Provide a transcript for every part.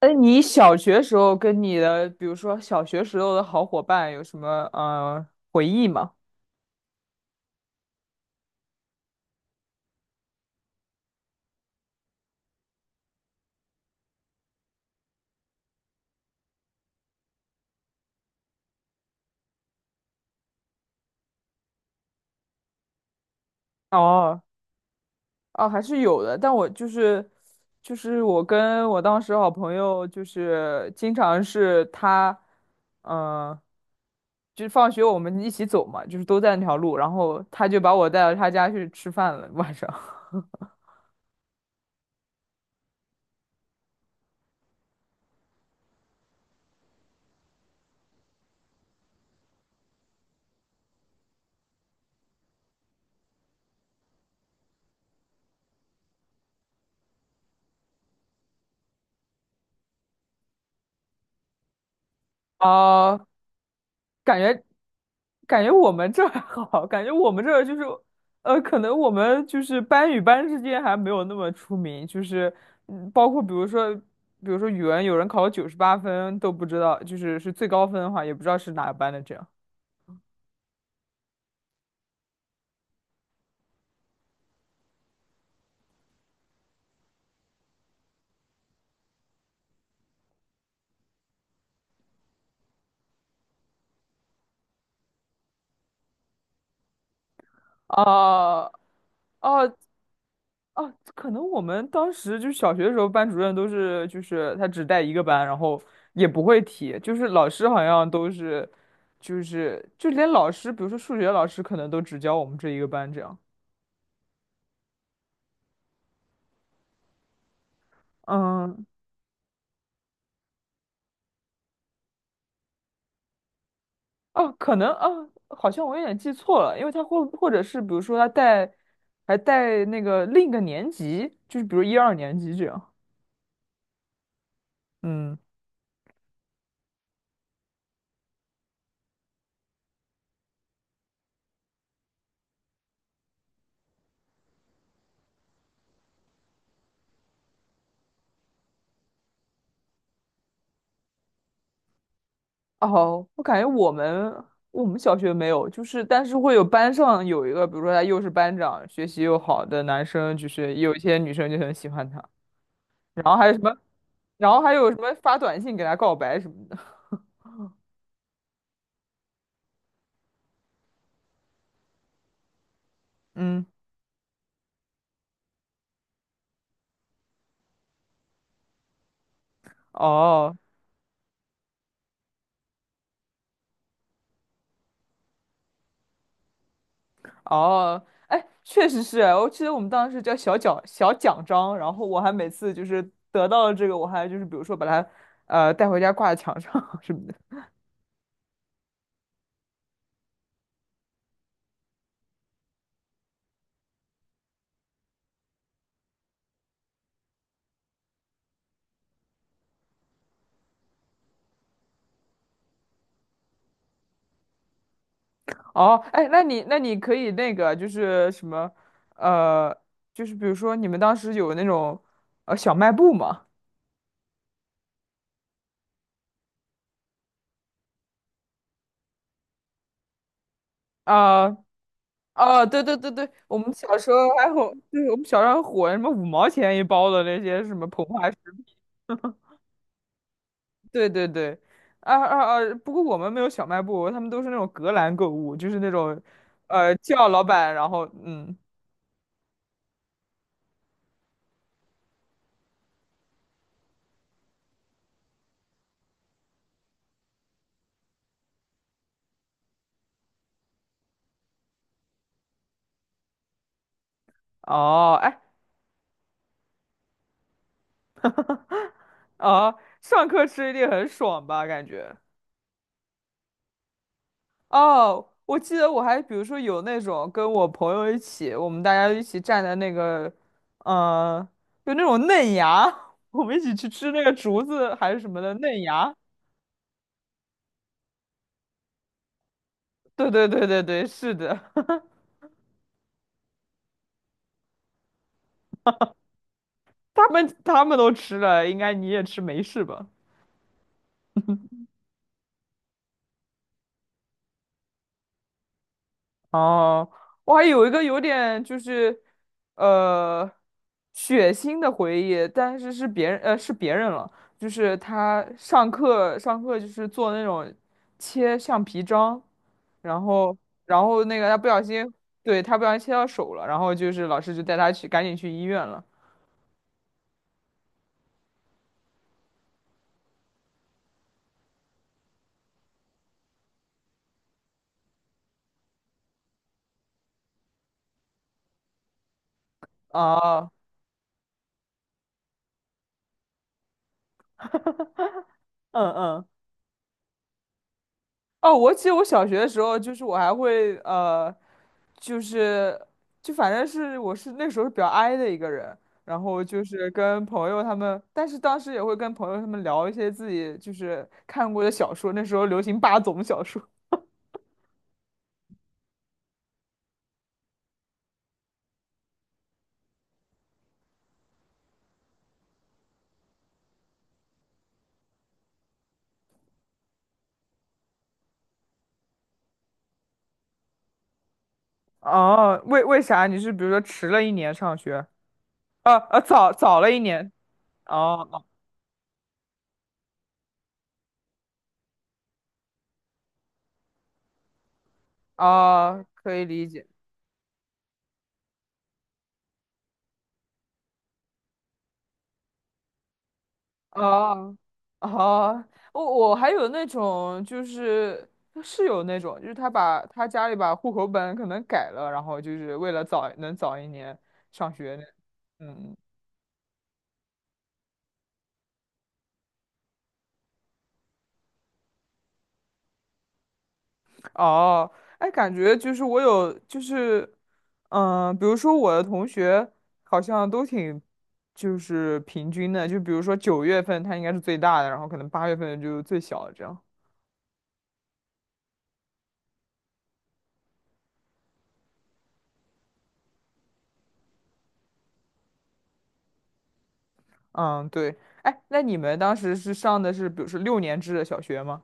哎，你小学时候跟你的，比如说小学时候的好伙伴有什么回忆吗？哦。哦，还是有的，但我就是我跟我当时好朋友，就是经常是他，嗯、就是放学我们一起走嘛，就是都在那条路，然后他就把我带到他家去吃饭了晚上。哦。感觉我们这儿 还好，感觉我们这儿就是，可能我们就是班与班之间还没有那么出名，就是，嗯，包括比如说，语文，有人考了98分都不知道，就是是最高分的话，也不知道是哪个班的这样。哦。哦，哦，可能我们当时就是小学的时候，班主任都是就是他只带一个班，然后也不会提，就是老师好像都是，就是就连老师，比如说数学老师，可能都只教我们这一个班这样。嗯。哦，可能哦，好像我有点记错了，因为他或者是比如说他带还带那个另一个年级，就是比如一二年级这样。嗯。哦，我感觉我们小学没有，就是但是会有班上有一个，比如说他又是班长，学习又好的男生，就是有一些女生就很喜欢他，然后还有什么，然后还有什么发短信给他告白什么的。嗯。哦。哦，哎，确实是啊，我记得我们当时叫小奖章，然后我还每次就是得到了这个，我还就是比如说把它带回家挂在墙上 什么的。哦，哎，那你可以那个就是什么，呃，就是比如说你们当时有那种小卖部吗？啊、啊，对，我们小时候还火，就是我们小时候还火什么5毛钱一包的那些什么膨化食，对对对，啊啊啊！不过我们没有小卖部，他们都是那种隔栏购物，就是那种叫老板，然后嗯，哦，哎。哦，上课吃一定很爽吧？感觉。哦，我记得我还比如说有那种跟我朋友一起，我们大家一起站在那个，呃，就那种嫩芽，我们一起去吃那个竹子还是什么的嫩芽。对对对对对，是的。他们都吃了，应该你也吃没事吧？哦，我还有一个有点就是，呃，血腥的回忆，但是是别人，是别人了，就是他上课就是做那种切橡皮章，然后然后那个他不小心，对，他不小心切到手了，然后就是老师就带他去赶紧去医院了。哦。嗯嗯。哦，我记得我小学的时候，就是我还会就是就反正是我是那时候比较 i 的一个人，然后就是跟朋友他们，但是当时也会跟朋友他们聊一些自己就是看过的小说，那时候流行霸总小说。哦，为啥你是比如说迟了一年上学？啊啊，早了一年，哦。哦，哦可以理解。啊。哦，我还有那种就是是有那种，就是他把他家里把户口本可能改了，然后就是为了早能早一年上学那嗯，哦，哎，感觉就是我有就是，比如说我的同学好像都挺就是平均的，就比如说9月份他应该是最大的，然后可能8月份就最小的这样，嗯，对。哎，那你们当时是上的是比如说6年制的小学吗？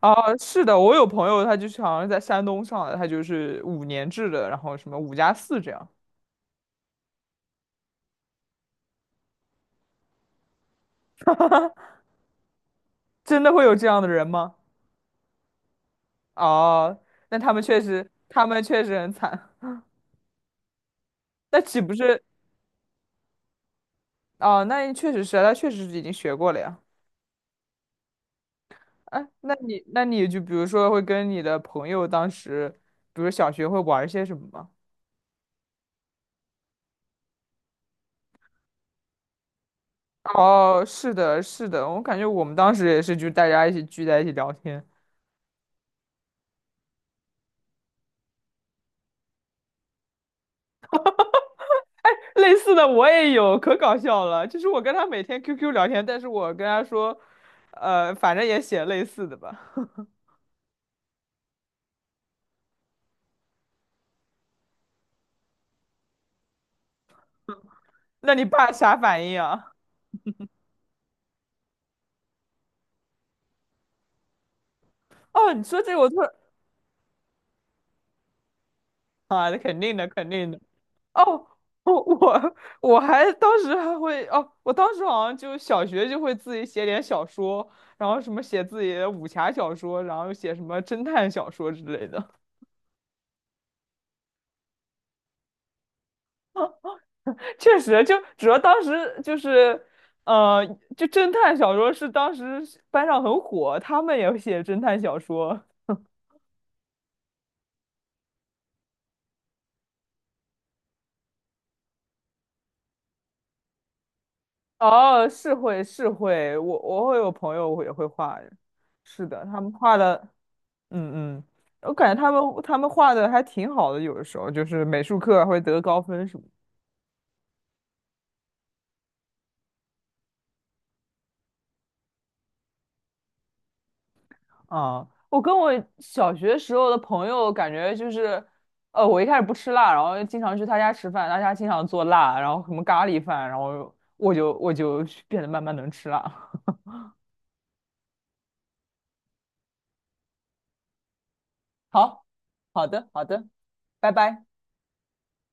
啊，是的，我有朋友，他就是好像是在山东上的，他就是5年制的，然后什么5加4这样。真的会有这样的人吗？哦，那他们确实，他们确实很惨。那岂不是？哦，那确实是啊，他确实是已经学过了呀。哎，那你，那你就比如说会跟你的朋友当时，比如小学会玩一些什么吗？哦，是的，是的，我感觉我们当时也是，就大家一起聚在一起聊天。类似的我也有，可搞笑了。就是我跟他每天 QQ 聊天，但是我跟他说，反正也写类似的吧。那你爸啥反应啊？哦，你说这个我突然。啊，那肯定的，肯定的。哦，我我我还当时还会哦，我当时好像就小学就会自己写点小说，然后什么写自己的武侠小说，然后写什么侦探小说之类的。确实，就主要当时就是，呃，就侦探小说是当时班上很火，他们也写侦探小说。哦，是会是会，我会有朋友也会画，是的，他们画的，嗯嗯，我感觉他们画的还挺好的，有的时候就是美术课还会得高分什么。啊，我跟我小学时候的朋友感觉就是，我一开始不吃辣，然后经常去他家吃饭，他家经常做辣，然后什么咖喱饭，然后我我就变得慢慢能吃辣。好，好的，好的，拜拜。